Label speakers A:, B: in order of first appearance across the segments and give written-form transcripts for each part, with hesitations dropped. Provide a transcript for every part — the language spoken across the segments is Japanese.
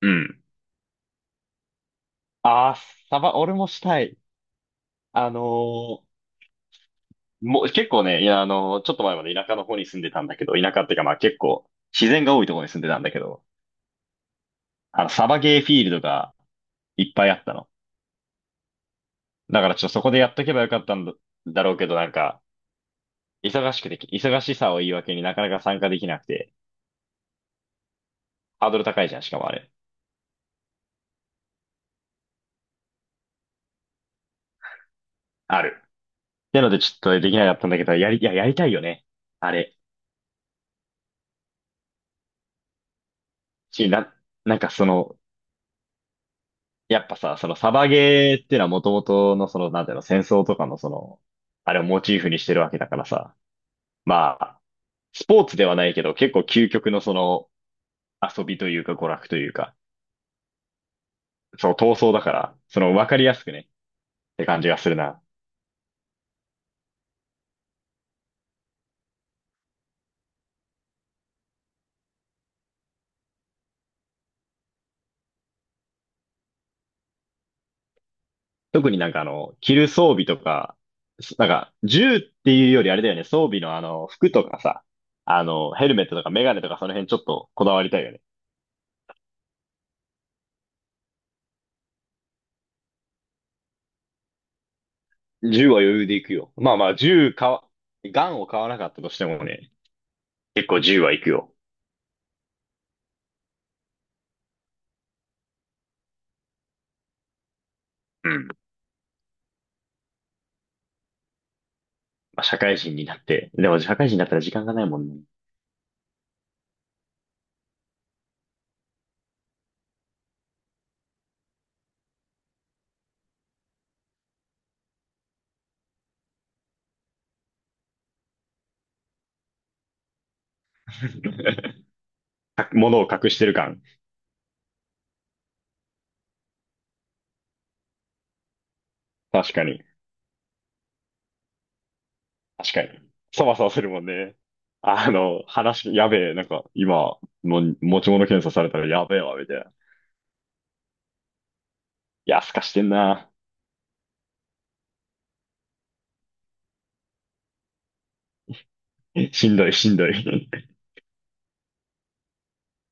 A: うん。ああ、俺もしたい。あのーもう結構ね、いや、ちょっと前まで田舎の方に住んでたんだけど、田舎っていうかまあ結構自然が多いところに住んでたんだけど、サバゲーフィールドがいっぱいあったの。だからちょっとそこでやっとけばよかったんだ、だろうけど、なんか、忙しくて、忙しさを言い訳になかなか参加できなくて、ハードル高いじゃん、しかもあれ。ある。なのでちょっとできなかったんだけど、いや、やりたいよね。あれ。し、な、なんかその、やっぱさ、そのサバゲーっていうのはもともとのその、なんていうの、戦争とかのその、あれをモチーフにしてるわけだからさ。まあ、スポーツではないけど、結構究極のその、遊びというか娯楽というか、そう闘争だから、その分かりやすくね、って感じがするな。特になんか、着る装備とか、なんか、銃っていうよりあれだよね、装備の服とかさ、ヘルメットとかメガネとかその辺ちょっとこだわりたいよね。銃は余裕でいくよ。まあまあ、銃買わ、ガンを買わなかったとしてもね、結構10はいくよ。うん。まあ、社会人になって。でも社会人になったら時間がないもんね。物を隠してる感。確かに。確かに。そわそわするもんね。やべえ、なんか、今、持ち物検査されたらやべえわ、みたいな。いや、すかしてんな。しんどい、しんどい。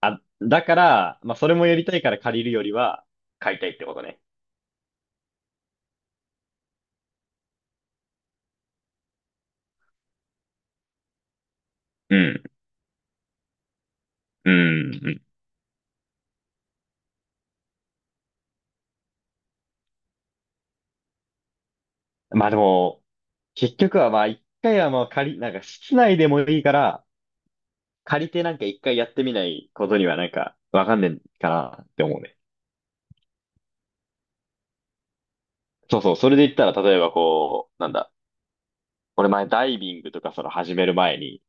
A: だから、まあ、それもやりたいから借りるよりは、買いたいってことね。うん、うん、うん。まあでも、結局はまあ、一回はまあ借り、なんか室内でもいいから、借りてなんか一回やってみないことにはなんかわかんねえかなって思うね。そうそう、それで言ったら例えばこう、なんだ、俺前ダイビングとかその始める前に、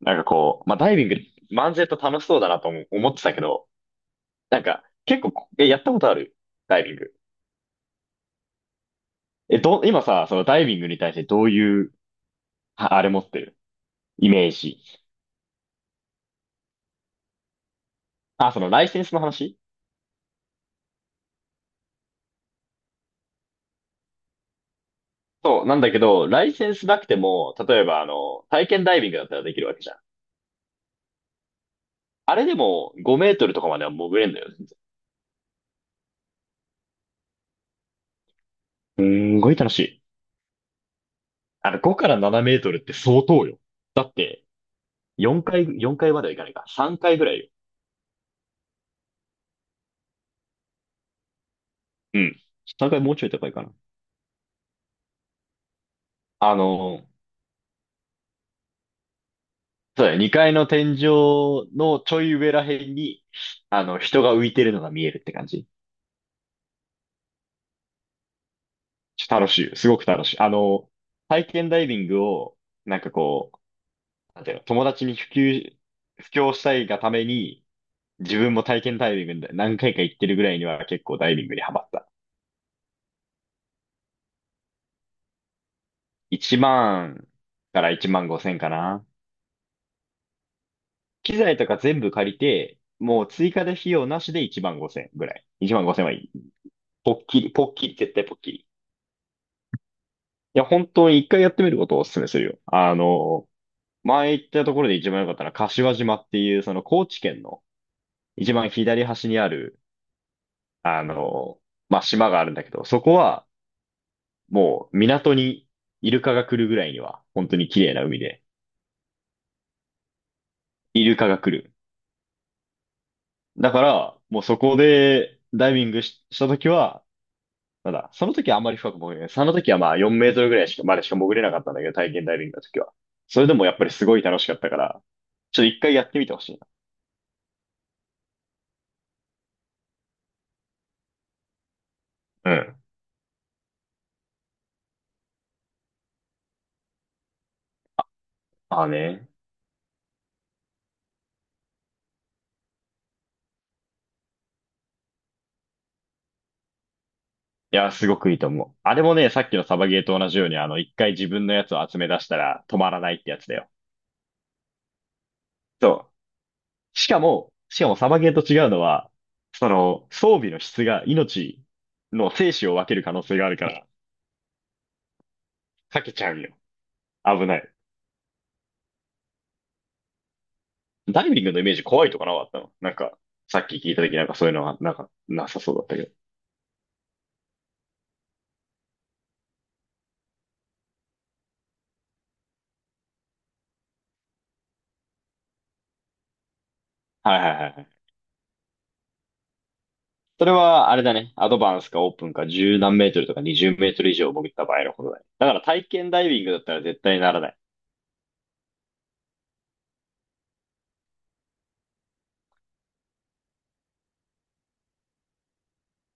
A: なんかこう、まあダイビング漫然と楽しそうだなとも思ってたけど、なんか結構やったことあるダイビング。今さ、そのダイビングに対してどういう、ああれ持ってるイメージ。あ、そのライセンスの話。そう、なんだけど、ライセンスなくても、例えば体験ダイビングだったらできるわけじゃん。あれでも5メートルとかまでは潜れんだよね。すんごい楽しい。5から7メートルって相当よ。だって、4回まではいかないか。3回ぐらいよ。うん。3回もうちょい高いかな。あの、そうだよ。2階の天井のちょい上らへんに、人が浮いてるのが見えるって感じ。ちょ楽しいよ。すごく楽しい。体験ダイビングを、なんかこう、なんていうの、友達に布教したいがために、自分も体験ダイビングで何回か行ってるぐらいには結構ダイビングにハマった。1万から1万5千かな。機材とか全部借りて、もう追加で費用なしで1万5千ぐらい。1万5千はいい。ポッキリ、ポッキリ、絶対ポッキリ。いや、本当に一回やってみることをお勧めするよ。前行ったところで一番良かったのは柏島っていう、その高知県の一番左端にある、あの、まあ、島があるんだけど、そこはもう港にイルカが来るぐらいには、本当に綺麗な海で、イルカが来る。だから、もうそこでダイビングし、したときは、なんだ、その時はあんまり深く潜れない。その時はまあ4メートルぐらいまでしか潜れなかったんだけど、体験ダイビングの時は。それでもやっぱりすごい楽しかったから、ちょっと一回やってみてほしいな。うん。ああね。いや、すごくいいと思う。あれもね、さっきのサバゲーと同じように、一回自分のやつを集め出したら止まらないってやつだよ。そう。しかもサバゲーと違うのは、その、装備の質が命の生死を分ける可能性があるから、避けちゃうよ。危ない。ダイビングのイメージ怖いとかなかったのなんか、さっき聞いた時なんかそういうのはなんかなさそうだったけど。はいはいはいはい。それは、あれだね。アドバンスかオープンか10何メートルとか20メートル以上潜った場合のことだね。だから体験ダイビングだったら絶対にならない。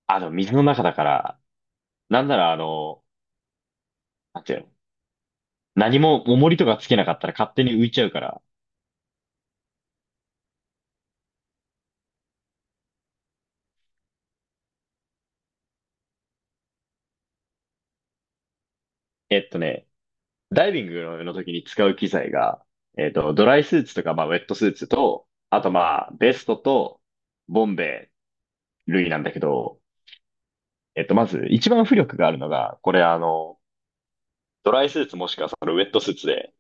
A: あ、でも水の中だから、なんならなんていうの何も重りとかつけなかったら勝手に浮いちゃうから。えっとね、ダイビングの時に使う機材が、ドライスーツとか、まあ、ウェットスーツと、あとまあ、ベストと、ボンベ類なんだけど、まず、一番浮力があるのが、これドライスーツもしくはそのウェットスーツで、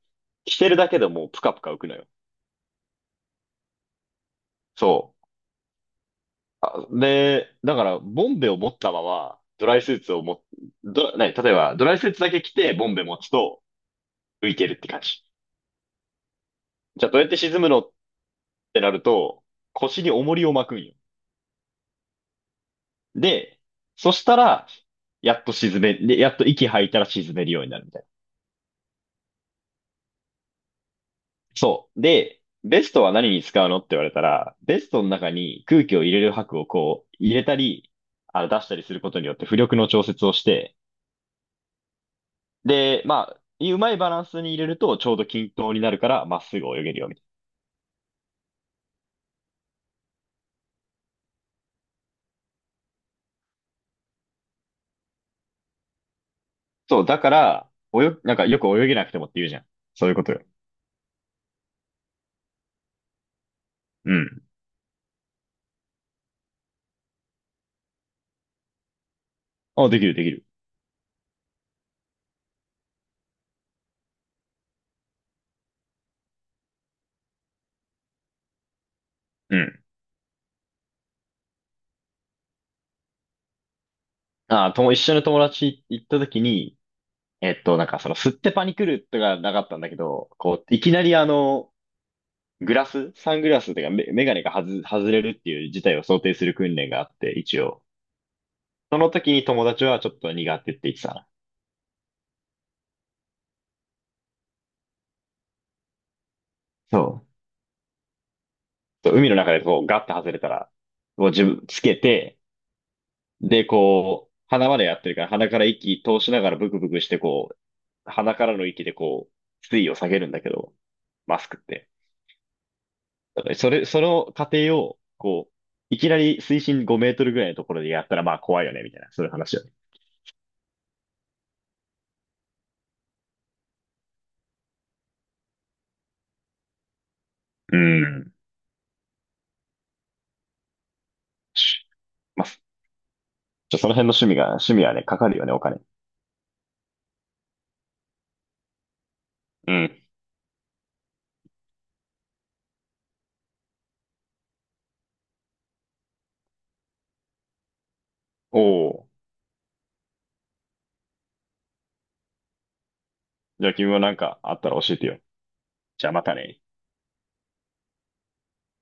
A: 着てるだけでもうプカプカ浮くのよ。そう。で、だから、ボンベを持ったまま、ドライスーツをも、ど、ね、例えば、ドライスーツだけ着て、ボンベ持つと、浮いてるって感じ。じゃあ、どうやって沈むのってなると、腰に重りを巻くんよ。で、そしたら、やっと息吐いたら沈めるようになるみたいな。そう。で、ベストは何に使うのって言われたら、ベストの中に空気を入れる箔をこう入れたり、出したりすることによって浮力の調節をして、で、まあ、うまいバランスに入れるとちょうど均等になるからまっすぐ泳げるよ、みたいな。そう、だから、なんかよく泳げなくてもって言うじゃん。そういうことよ。うん。あ、できるできる。うん。あ、一緒に友達行った時に、なんかその、吸ってパニクるとかなかったんだけど、こう、いきなりグラス、サングラスというかメガネが外れるっていう事態を想定する訓練があって、一応。その時に友達はちょっと苦手って言ってたな。そう。そう海の中でこうガッて外れたら、こう自分つけて、で、こう、鼻までやってるから鼻から息通しながらブクブクしてこう、鼻からの息でこう、水位を下げるんだけど、マスクって。だからそれ、その過程を、こう、いきなり水深5メートルぐらいのところでやったらまあ怖いよね、みたいな、そういう話よね。うん。まあじゃあその辺の趣味はね、かかるよね、お金。うん。おお。じゃあ君もなんかあったら教えてよ。じゃあまたね。